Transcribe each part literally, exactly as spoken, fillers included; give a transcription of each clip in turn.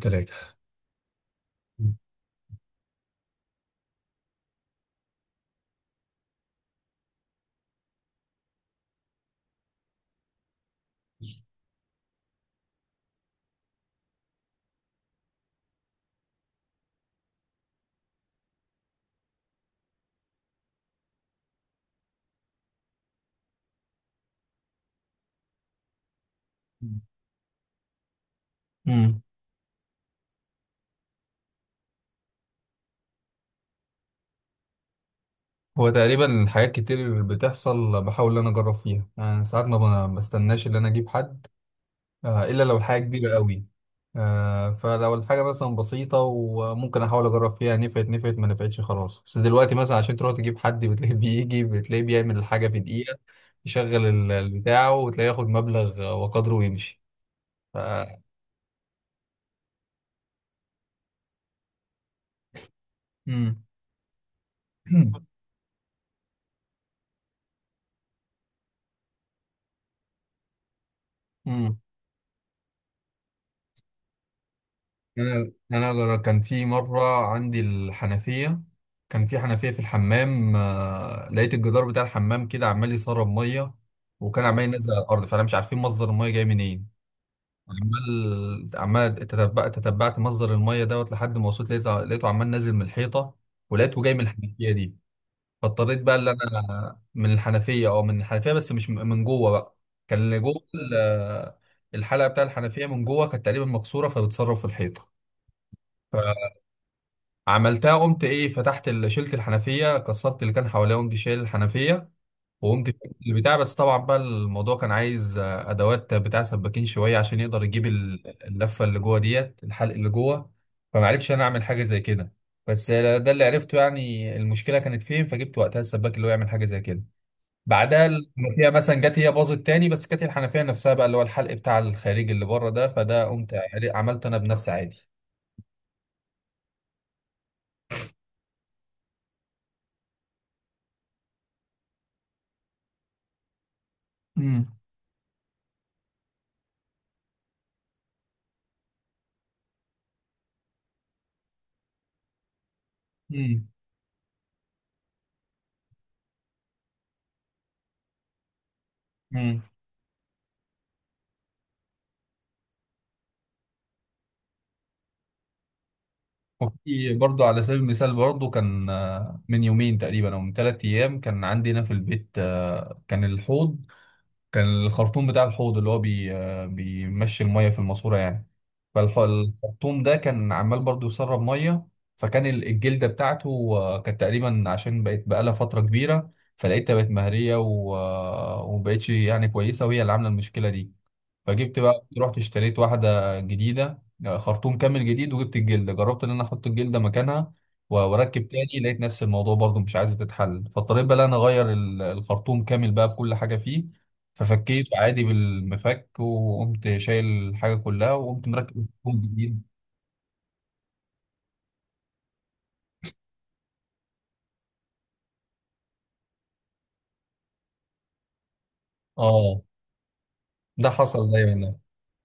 ثلاثة. امم هو تقريبا حاجات كتير بتحصل، بحاول ان انا اجرب فيها أنا. ساعات ما ب- بستناش ان انا اجيب حد، آه، الا لو الحاجه كبيره قوي. آه، فلو الحاجه مثلا بسيطه وممكن احاول اجرب فيها، نفعت نفعت، ما نفعتش خلاص. بس دلوقتي مثلا عشان تروح تجيب حد بتلاقيه بيجي بتلاقيه بيعمل الحاجه في دقيقه، يشغل ال- البتاع وتلاقيه ياخد مبلغ وقدره ويمشي. ف... امم انا انا جر- كان في مره عندي الحنفيه. كان في حنفيه في الحمام، آه، لقيت الجدار بتاع الحمام كده عمال يسرب ميه، وكان عمال ينزل على الارض، فانا مش عارفين مصدر الميه جاي منين. عمال عمال تتبع تتبعت مصدر الميه دوت لحد ما وصلت، لقيته لقيته عمال نازل من الحيطه، ولقيته جاي من الحنفيه دي. فاضطريت بقى اللي انا من الحنفيه او من الحنفيه، بس مش م- من جوه بقى. كان اللي جوه ال- الحلقه بتاع الحنفيه من جوه كانت تقريبا مكسوره، فبتسرب في الحيطه. عملتها قمت ايه، فتحت ال- شلت الحنفيه، كسرت اللي كان حواليها، وقمت شايل الحنفيه، وقمت فك البتاع. بس طبعا بقى الموضوع كان عايز آه، ادوات بتاع سباكين شويه عشان يقدر يجيب ال- اللفه اللي جوه ديت، الحلق اللي جوه. فما عرفش انا اعمل حاجه زي كده، بس آه، ده اللي عرفته يعني المشكله كانت فين، فجبت وقتها السباك اللي هو يعمل حاجه زي كده. بعدها الحنفيه مثلا جت هي باظت تاني، بس كانت الحنفيه نفسها بقى اللي هو الحلق بتاع الخارجي اللي بره ده، فده قمت عملته انا بنفسي عادي. امم امم وفي برضو على سبيل المثال برضو كان آه، من يومين تقريبا او من ثلاث ايام كان عندنا في البيت، آه، كان الحوض، كان الخرطوم بتاع الحوض اللي هو بي آه، بيمشي المية في الماسورة يعني. فالخرطوم ده كان عمال برضو يسرب مية. فكان ال- الجلدة بتاعته آه، كانت تقريبا عشان بقت بقالها فترة كبيرة، فلقيتها بقت مهرية و- آه، ومبقتش يعني كويسة، وهي اللي عاملة المشكلة دي. فجبت بقى رحت اشتريت واحدة جديدة، خرطوم كامل جديد، وجبت الجلدة، جربت ان انا احط الجلدة مكانها و- واركب تاني، لقيت نفس الموضوع برضو مش عايزة تتحل، فاضطريت بقى إن انا اغير ال- الخرطوم كامل بقى بكل حاجة فيه. ففكيت عادي بالمفك، وقمت شايل الحاجة كلها، وقمت مركب الخرطوم جديد. اه، ده حصل دايما ده.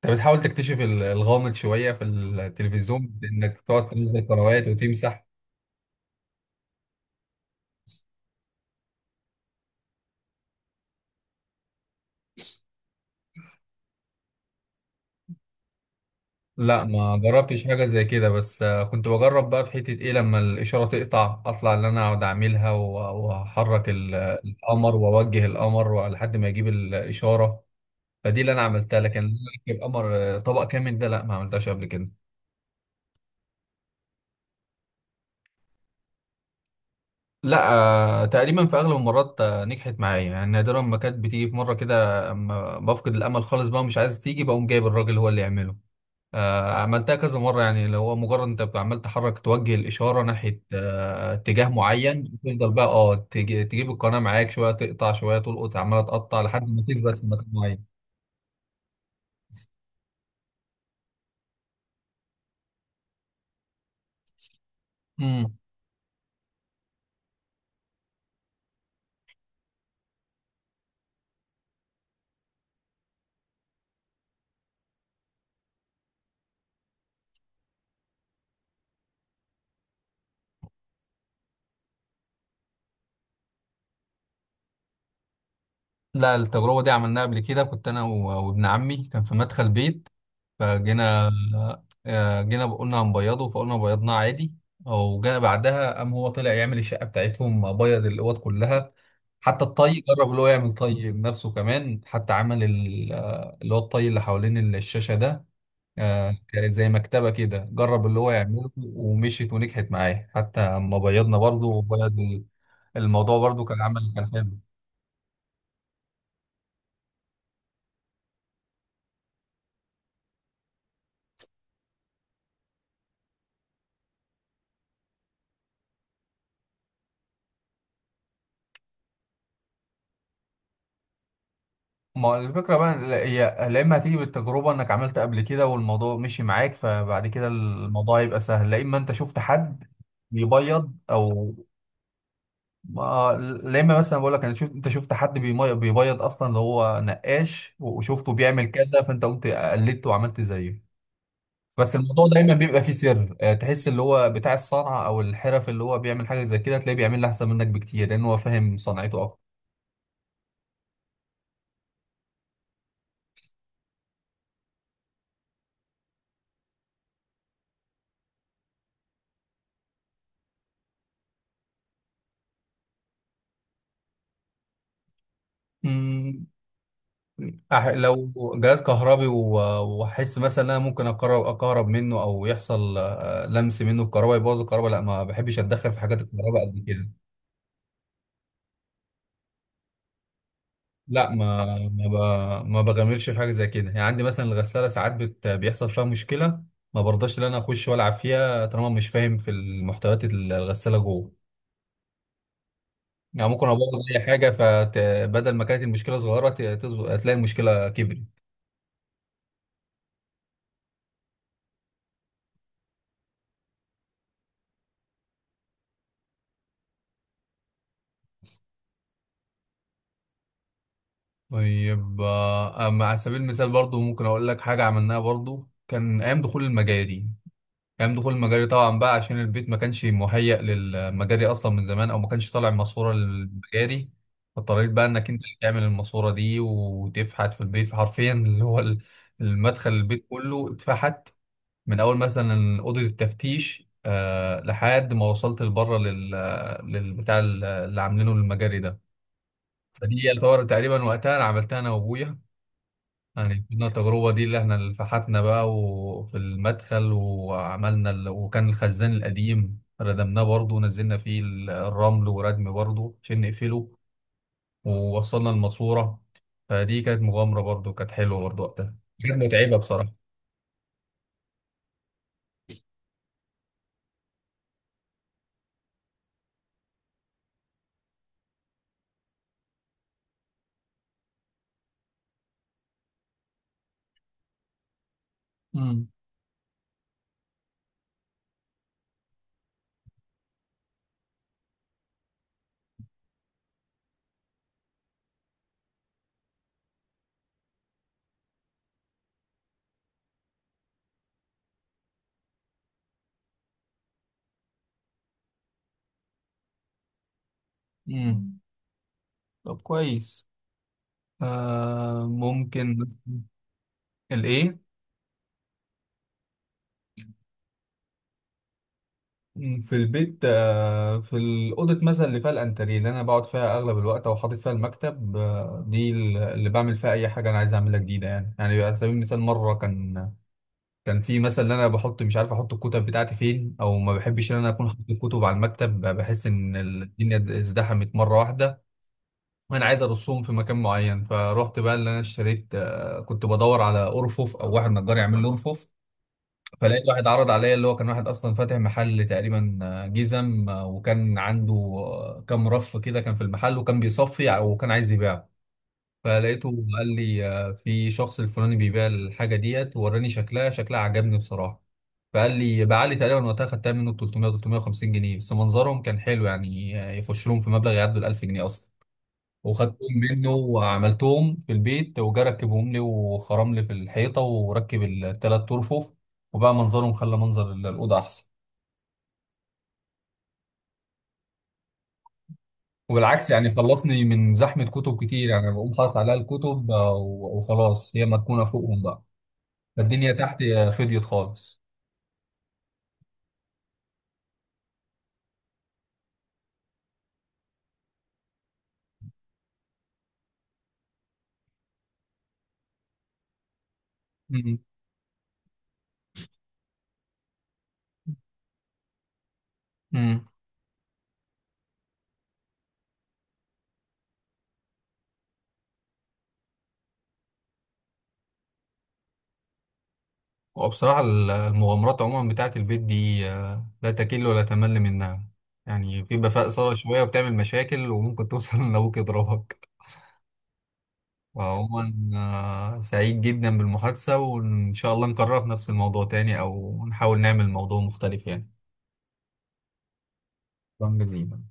انت بتحاول تكتشف ال- الغامض شوية في التلفزيون، انك تقعد تنزل قنوات وتمسح. لا ما جربتش حاجة زي كده، بس آه، كنت بجرب بقى في حتة ايه، لما الإشارة تقطع أطلع اللي أنا أقعد أعملها و- وأحرك ال- القمر وأوجه القمر لحد ما يجيب الإشارة. فدي اللي أنا عملتها، لكن إن أنا أركب قمر، آه، طبق كامل ده لا، ما عملتهاش قبل كده. لا، آه، تقريبا في أغلب المرات آه، نجحت معايا يعني. نادرا ما كانت بتيجي في مرة كده، أما بفقد الأمل خالص بقى مش عايز تيجي بقوم جايب الراجل هو اللي يعمله. آه، عملتها كذا مرة يعني. لو هو مجرد انت عمال تحرك توجه الإشارة ناحية آه، اتجاه معين، تفضل بقى اه تج- تجيب القناة، معاك شوية تقطع شوية تلقط، عمالة تقطع لحد ما تثبت في مكان معين. امم لا، التجربة دي عملناها قبل كده، كنت أنا و- وابن عمي كان في مدخل بيت. فجينا آه، جينا قلنا هنبيضه، فقلنا بيضناه عادي، او جاء بعدها قام هو طلع يعمل الشقه بتاعتهم بيض الاوض كلها. حتى الطي جرب اللي هو يعمل طي بنفسه كمان، حتى عمل ال- آه، اللي هو الطي اللي حوالين الشاشه ده، آه، كانت زي مكتبه كده جرب اللي هو يعمله ومشيت ونجحت معاه حتى. اما بيضنا برضه وبيض الموضوع برضه كان عمل، كان حلو. ما هو الفكرة بقى، لا- هي لا إما هتيجي بالتجربة إنك عملت قبل كده والموضوع مشي معاك فبعد كده الموضوع يبقى سهل، لا إما أنت شفت حد بيبيض أو ما. لا إما مثلا بقول لك أنا شفت أنت شفت حد بيمي- بيبيض أصلا، اللي هو نقاش، وشفته بيعمل كذا فأنت قمت قلدته وعملت زيه. بس الموضوع دايما بيبقى فيه سر، آه، تحس اللي هو بتاع الصنعة أو الحرف اللي هو بيعمل حاجة زي كده تلاقيه بيعمل أحسن منك بكتير، لأن هو فاهم صنعته أكتر. أح- لو جهاز كهربي و- واحس مثلا ان انا ممكن اقرب اكهرب منه او يحصل آه، لمس منه الكهرباء يبوظ الكهرباء، لا ما بحبش اتدخل في حاجات الكهرباء قد كده. لا، ما ما, ب... ما بغامرش في حاجه زي كده يعني. عندي مثلا الغساله ساعات بت... بيحصل فيها مشكله، ما برضاش ان انا اخش والعب فيها طالما مش فاهم في المحتويات ال- الغساله جوه. يعني ممكن ابوظ اي حاجه، فبدل ما كانت المشكله صغيره ت- تز- هتلاقي المشكله كبرت. طيب، آه، أما على سبيل المثال برضو ممكن أقول لك حاجة عملناها برضو، كان أيام دخول المجاري. أيام دخول المجاري طبعا بقى عشان البيت ما كانش مهيأ للمجاري أصلا من زمان، أو ما كانش طالع ماسورة للمجاري، فاضطريت بقى إنك أنت اللي تعمل الماسورة دي وتفحت في البيت حرفيا اللي هو ال- المدخل، البيت كله اتفحت، من أول مثلا أوضة التفتيش، آه، لحد ما وصلت لبره لل للبتاع اللي عاملينه للمجاري ده. فدي يعتبر تقريبا وقتها أنا عملتها أنا وأبويا يعني. كنا التجربة دي اللي احنا اللي فحتنا بقى، وفي المدخل، وعملنا ال... وكان الخزان القديم ردمناه برضه، ونزلنا فيه ال- الرمل وردم برضه عشان نقفله، ووصلنا الماسورة. فدي كانت مغامرة برضه، كانت حلوة برضه وقتها، كانت متعبة بصراحة. امم امم طب كويس. آه، ممكن الايه. في البيت، آه، في الأوضة مثلا اللي فيها الأنتريه اللي أنا بقعد فيها أغلب الوقت أو حاطط فيها المكتب، آه، دي اللي بعمل فيها أي حاجة أنا عايز أعملها جديدة يعني. يعني على سبيل المثال مرة كان، كان في مثلا إن أنا بحط مش عارف أحط الكتب بتاعتي فين، أو ما بحبش إن أنا أكون حاطط الكتب على المكتب، بحس إن الدنيا ازدحمت مرة واحدة، وأنا عايز أرصهم في مكان معين. فروحت بقى اللي أنا اشتريت، آه، كنت بدور على أرفف أو واحد نجار يعمل لي أرفف. فلقيت واحد عرض عليا اللي هو كان واحد اصلا فاتح محل تقريبا، آه، جزم، آه، وكان عنده آه، كام رف كده كان في المحل وكان بيصفي ع- وكان عايز يبيعه. فلقيته قال لي، آه، في شخص الفلاني بيبيع الحاجه ديت، ووراني شكلها، شكلها عجبني بصراحه. فقال لي باع لي تقريبا وقتها، خدتها منه ثلاثمية ثلاثمية وخمسين جنيه، بس منظرهم كان حلو يعني. آه، يخش لهم في مبلغ يعدوا ال ألف جنيه اصلا. وخدتهم منه وعملتهم في البيت وجا ركبهم لي وخرم لي في الحيطة وركب التلات ترفف، وبقى منظرهم خلى منظر ال- الأوضة أحسن. وبالعكس يعني خلصني من زحمة كتب كتير يعني. بقوم حاطط عليها الكتب، آه، و- وخلاص هي مدفونة فوقهم بقى. فالدنيا تحت آه، فضيت خالص. مم. مم. وبصراحة ال- المغامرات عموما بتاعت البيت دي، آه، لا تكل ولا تمل منها يعني. بيبقى فيها إثارة شوية وبتعمل مشاكل وممكن توصل إن أبوك يضربك. وعموما، آه، سعيد جدا بالمحادثة وإن شاء الله نكررها في نفس الموضوع تاني، أو نحاول نعمل موضوع مختلف يعني. شكرا جزيلا.